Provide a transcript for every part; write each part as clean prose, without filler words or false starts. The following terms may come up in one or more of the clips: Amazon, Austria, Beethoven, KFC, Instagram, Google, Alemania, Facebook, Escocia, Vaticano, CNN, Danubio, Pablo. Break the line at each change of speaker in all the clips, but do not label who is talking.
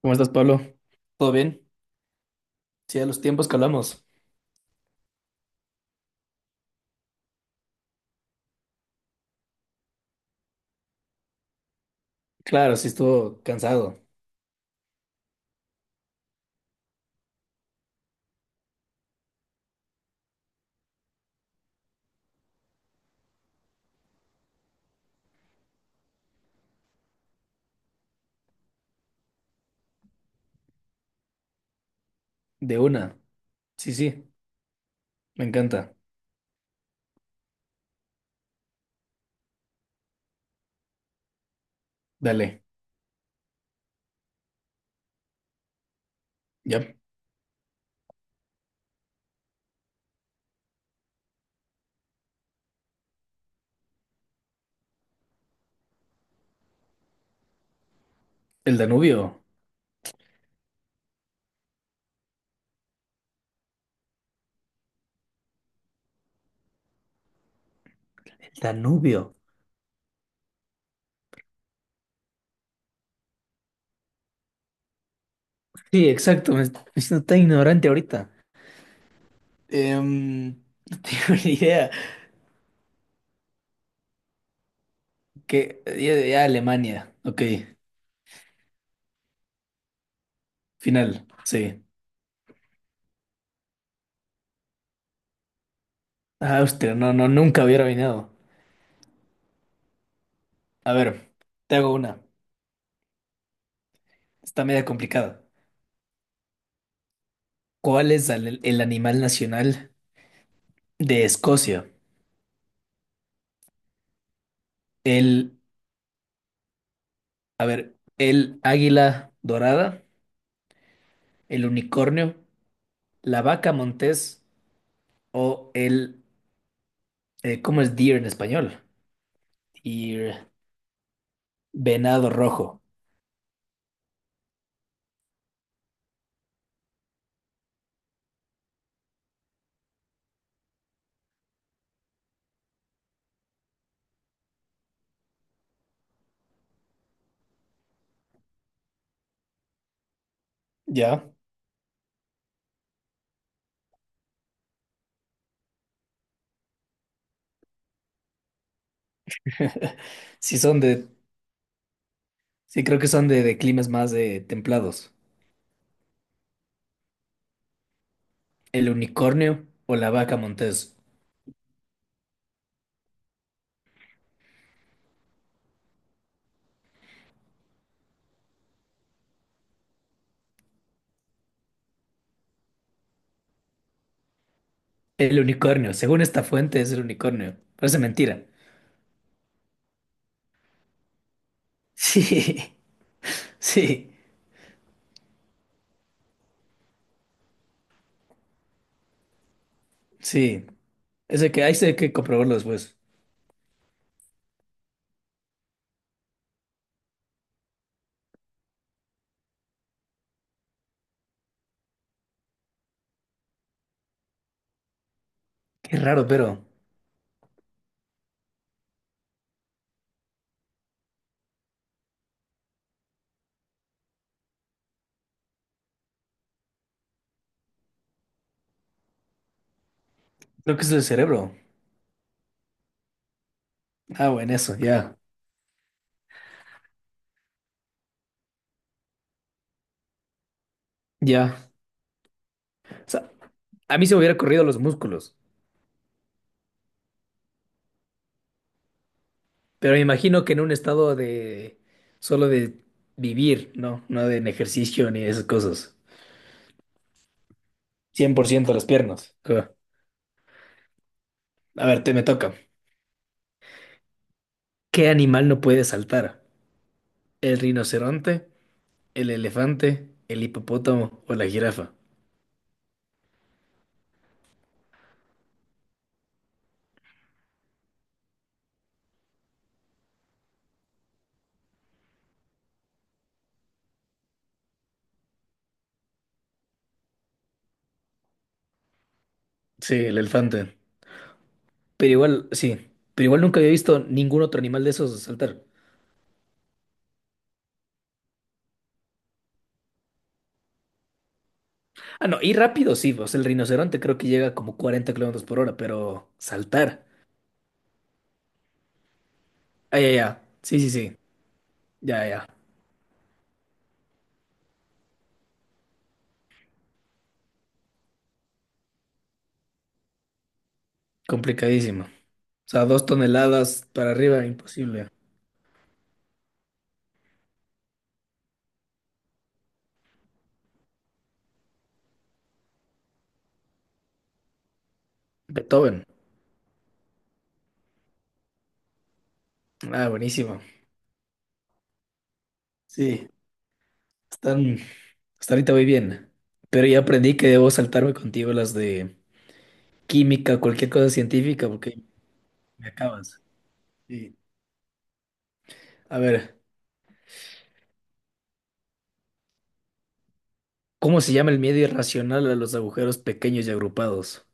¿Cómo estás, Pablo? ¿Todo bien? Sí, a los tiempos que hablamos. Claro, sí estuvo cansado. De una. Sí, sí, me encanta. Dale. Ya. El Danubio. El Danubio. Sí, exacto. Me estoy siendo tan ignorante ahorita. Em, no tengo ni idea. Que ya, ya Alemania. Ok. Final. Sí. Austria. No, no, nunca hubiera venido. A ver, te hago una. Está media complicada. ¿Cuál es el animal nacional de Escocia? El A ver, el águila dorada, el unicornio, la vaca montés o el, ¿cómo es deer en español? Deer, venado rojo. Ya. Sí son de, sí creo que son de climas más templados. El unicornio o la vaca montés. El unicornio, según esta fuente es el unicornio. Parece mentira. Sí, sí, sí. Ese que hay que comprobarlo después. Qué raro, pero creo que es el cerebro. Ah, bueno, eso, ya. Ya. O sea, a mí se me hubiera corrido los músculos, pero me imagino que en un estado de solo de vivir, ¿no? No de en ejercicio ni de esas cosas. 100% las piernas. Ah, a ver, te me toca. ¿Qué animal no puede saltar? ¿El rinoceronte, el elefante, el hipopótamo o la jirafa? Sí, el elefante. Pero igual, sí. Pero igual nunca había visto ningún otro animal de esos saltar. Ah, no, y rápido sí, o sea, el rinoceronte creo que llega como 40 kilómetros por hora, pero saltar. Ah, ya, ya. Sí, sí, sí. Ya, ya. Complicadísimo. O sea, 2 toneladas para arriba, imposible. Beethoven. Ah, buenísimo. Sí, están, hasta ahorita voy bien. Pero ya aprendí que debo saltarme contigo las de química, cualquier cosa científica, porque me acabas. Sí. A ver, ¿cómo se llama el miedo irracional a los agujeros pequeños y agrupados?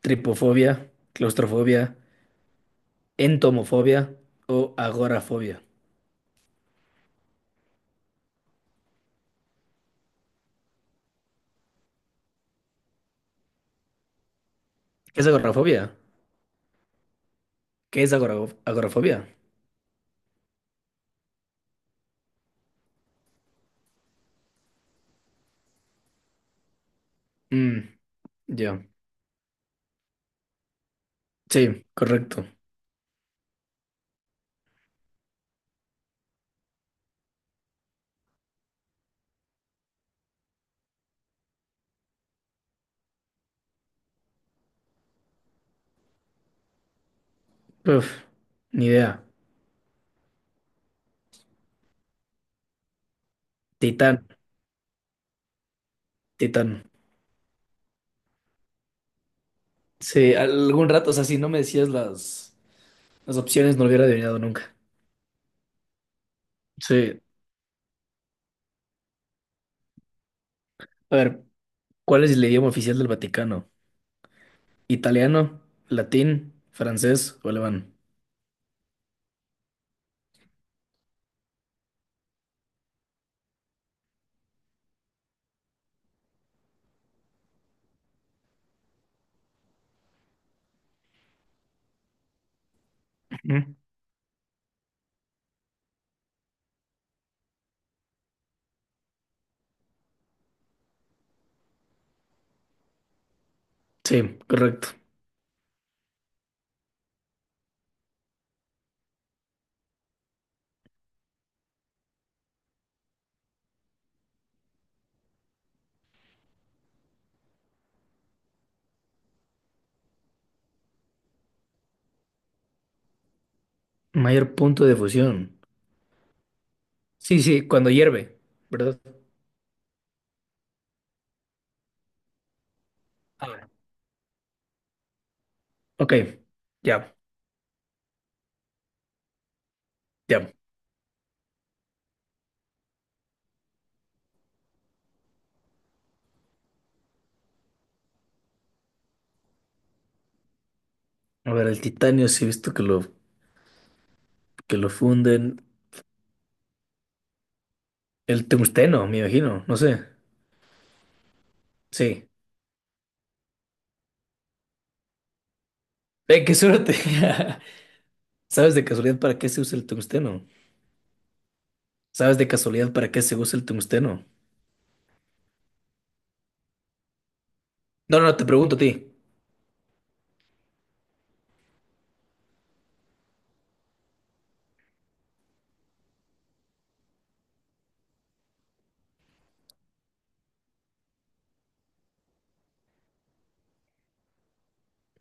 ¿Tripofobia, claustrofobia, entomofobia o agorafobia? ¿Qué es agorafobia? ¿Qué es agorafobia? Mm, ya. Sí, correcto. Uf, ni idea. Titán. Titán. Sí, algún rato, o sea, si no me decías las opciones, no lo hubiera adivinado nunca. Sí. A ver, ¿cuál es el idioma oficial del Vaticano? ¿Italiano, latín, francés o alemán? Ujú. Sí, correcto. Mayor punto de fusión. Sí, sí, cuando hierve, ¿verdad? Ah, ok, ya, ya. A ver, el titanio sí he visto que lo, funden. El tungsteno, me imagino, no sé. Sí. Ve, qué suerte. ¿Sabes de casualidad para qué se usa el tungsteno? ¿Sabes de casualidad para qué se usa el tungsteno? No, no, no, te pregunto a ti.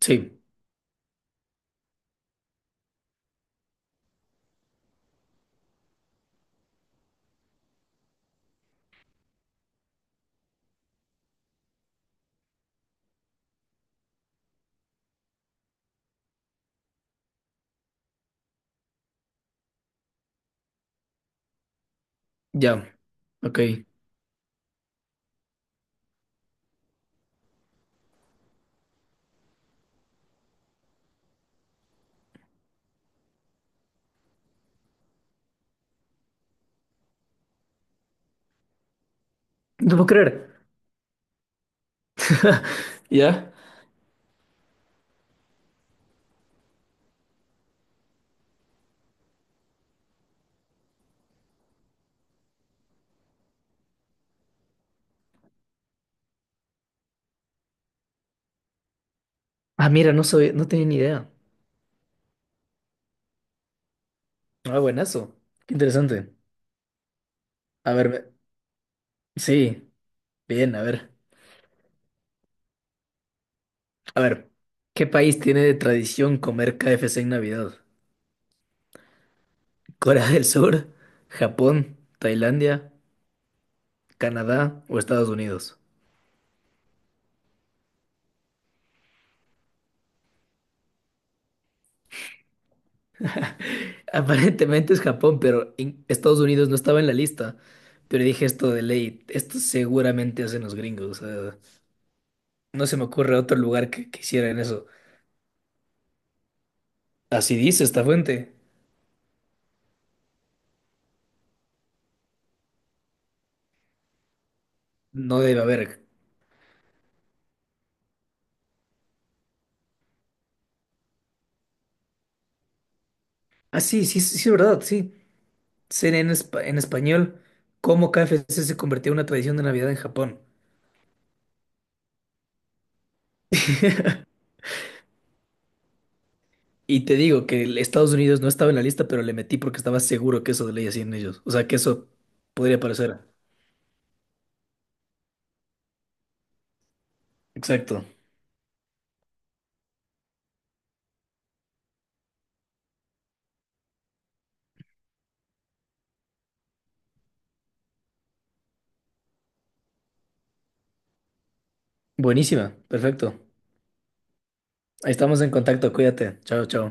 Sí, ya, ok. No puedo creer. ¿Ya? Ah, mira, no tenía ni idea. Ah, buenazo. Qué interesante. A ver, sí, bien, a ver. A ver, ¿qué país tiene de tradición comer KFC en Navidad? ¿Corea del Sur, Japón, Tailandia, Canadá o Estados Unidos? Aparentemente es Japón, pero Estados Unidos no estaba en la lista. Pero dije esto de ley, esto seguramente hacen los gringos. O sea, no se me ocurre otro lugar que hicieran eso. Así dice esta fuente. No debe haber. Ah, sí, sí, sí, sí, verdad, sí. CNN en, en español, cómo KFC se convirtió en una tradición de Navidad en Japón. Y te digo que el Estados Unidos no estaba en la lista, pero le metí porque estaba seguro que eso de ley hacían ellos. O sea, que eso podría parecer. Exacto. Buenísima, perfecto. Estamos en contacto, cuídate. Chao, chao.